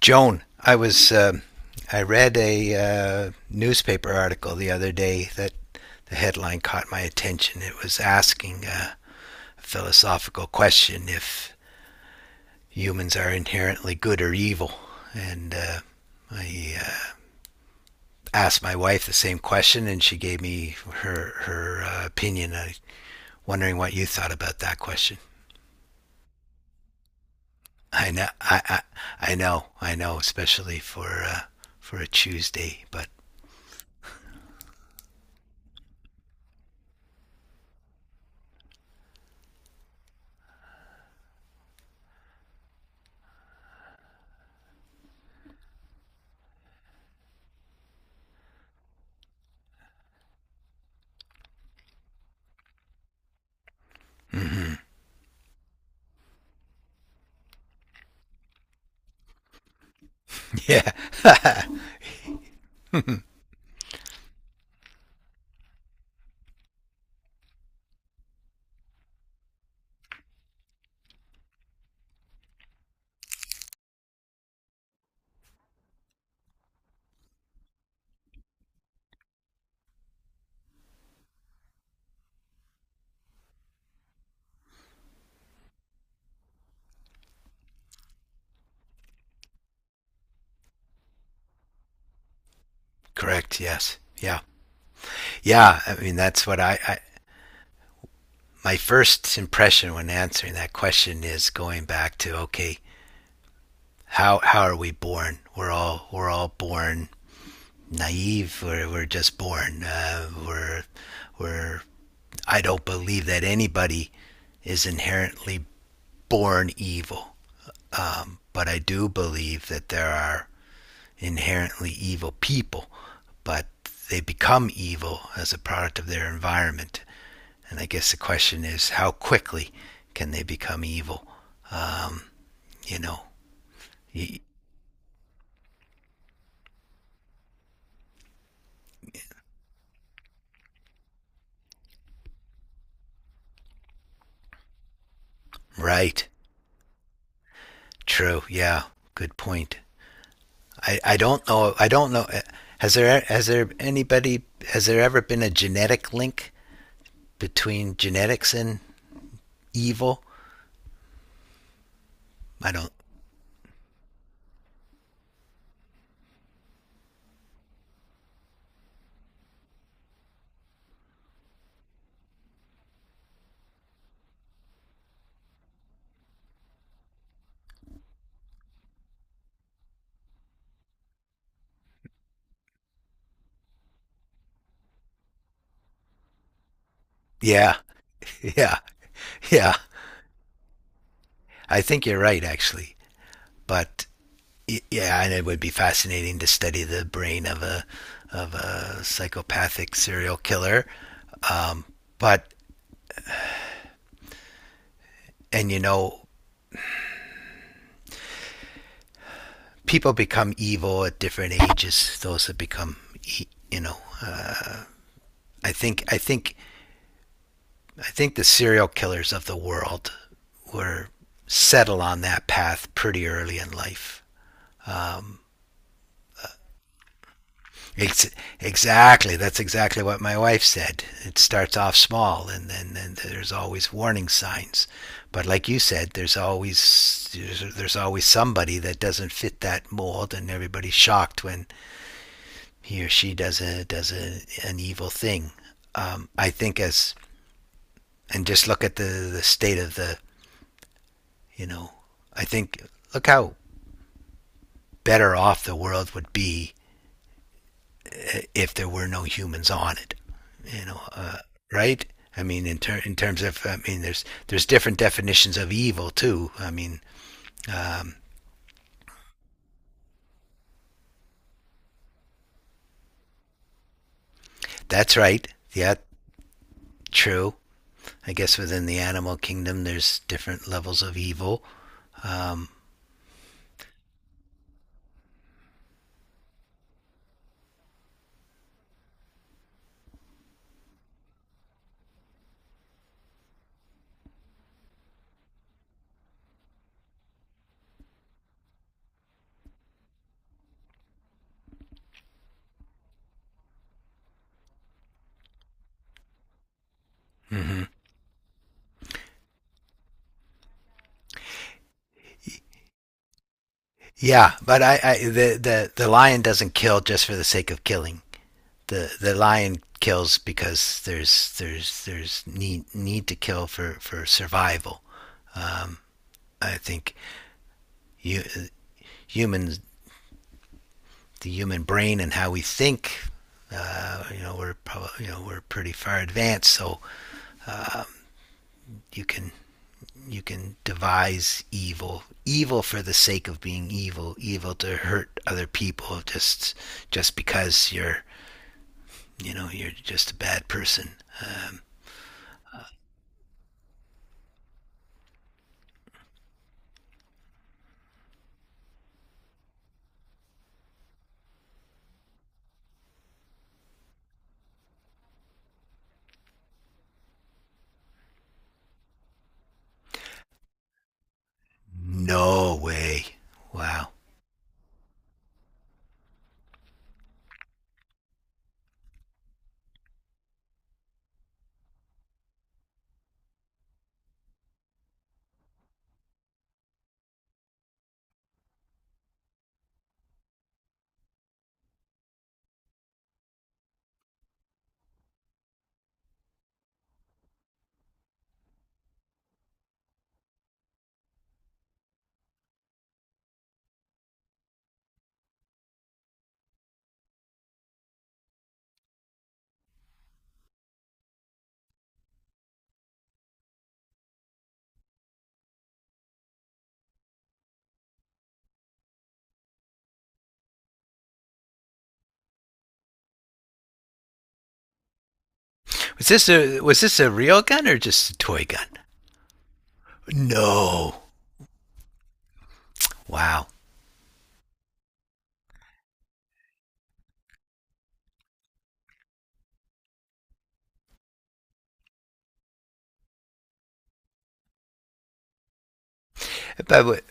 Joan, I read a newspaper article the other day that the headline caught my attention. It was asking a philosophical question if humans are inherently good or evil, and I asked my wife the same question, and she gave me her opinion. I wondering what you thought about that question. I know, I, I know, especially for a Tuesday, but. Hmm, yeah. Correct. Yes. Yeah. Yeah. I mean, that's what I, my first impression when answering that question is going back to, okay, how are we born? We're all born naive. We're just born. We're, I don't believe that anybody is inherently born evil, but I do believe that there are inherently evil people, but they become evil as a product of their environment. And I guess the question is, how quickly can they become evil? Um, you know, y- right? True. Yeah. Good point. I don't know. I don't know. Has there has there anybody has there ever been a genetic link between genetics and evil? I don't. Yeah. Yeah. Yeah. I think you're right, actually. But yeah, and it would be fascinating to study the brain of a psychopathic serial killer. But And you know, people become evil at different ages. Those that become, e- you know, I think, I think, I think the serial killers of the world were settle on that path pretty early in life. It's exactly that's exactly what my wife said. It starts off small, and then and there's always warning signs. But like you said, there's always somebody that doesn't fit that mold, and everybody's shocked when he or she does an evil thing. I think as and Just look at the state of the you know I think look how better off the world would be if there were no humans on it. You know, uh, right? I mean, in terms of, I mean, there's different definitions of evil too. I mean, that's right. Yeah, true. I guess within the animal kingdom, there's different levels of evil. Mm-hmm. Yeah, but I the lion doesn't kill just for the sake of killing. The lion kills because there's need to kill for survival. I think you humans the human brain and how we think, we're probably, we're pretty far advanced. So you can you can devise evil evil for the sake of being evil evil to hurt other people just because you're just a bad person. Um, no way. Wow. Was this a real gun or just a toy gun? No. Wow. But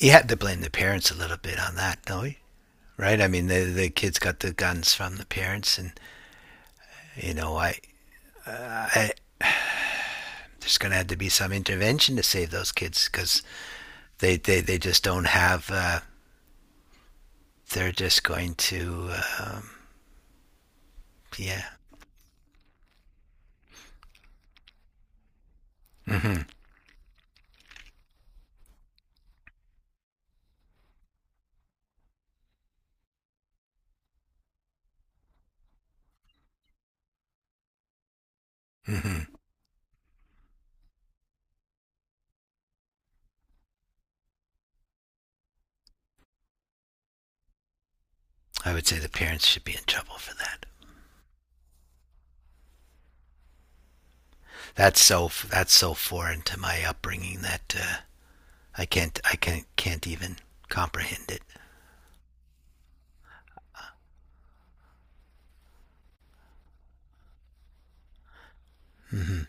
you had to blame the parents a little bit on that, don't we? Right? I mean, the kids got the guns from the parents, and you know, I there's going to have to be some intervention to save those kids because they just don't have. They're just going to, uh, yeah. Mm-hmm. Mm-hmm. I would say the parents should be in trouble for that. That's so foreign to my upbringing that I can't even comprehend it. Mm-hmm.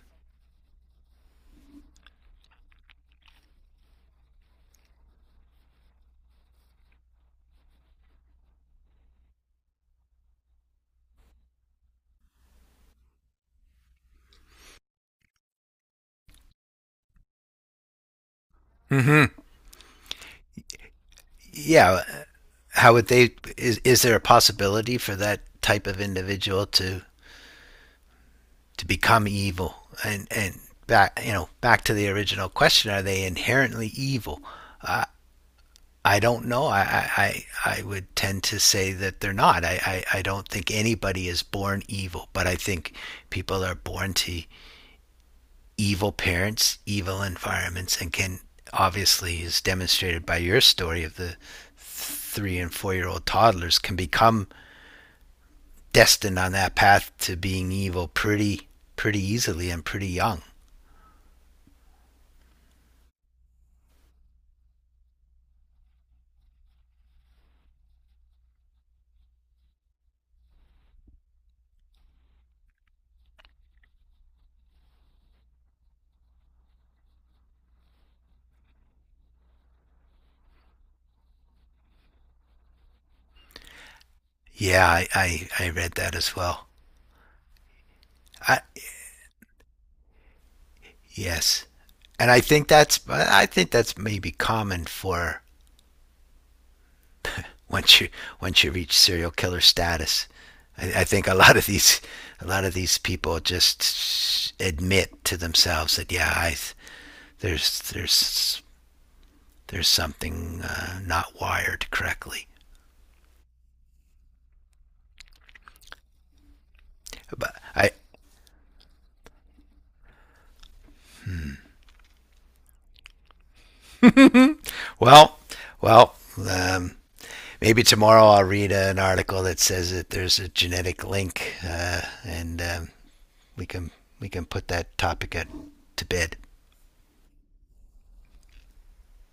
Mm-hmm. Yeah, how would they? Is there a possibility for that type of individual to become evil? And back you know back to the original question: are they inherently evil? Uh, I don't know. I would tend to say that they're not. I don't think anybody is born evil, but I think people are born to evil parents, evil environments, and can, obviously, as demonstrated by your story of the 3 and 4 year old toddlers, can become destined on that path to being evil pretty easily and pretty young. Yeah, I read that as well. I, yes, and I think that's maybe common for once you once you reach serial killer status. I think a lot of these people just admit to themselves that yeah, I there's there's there's something, not wired correctly. But I well well um, Maybe tomorrow I'll read an article that says that there's a genetic link and we can we can put that topic to bed.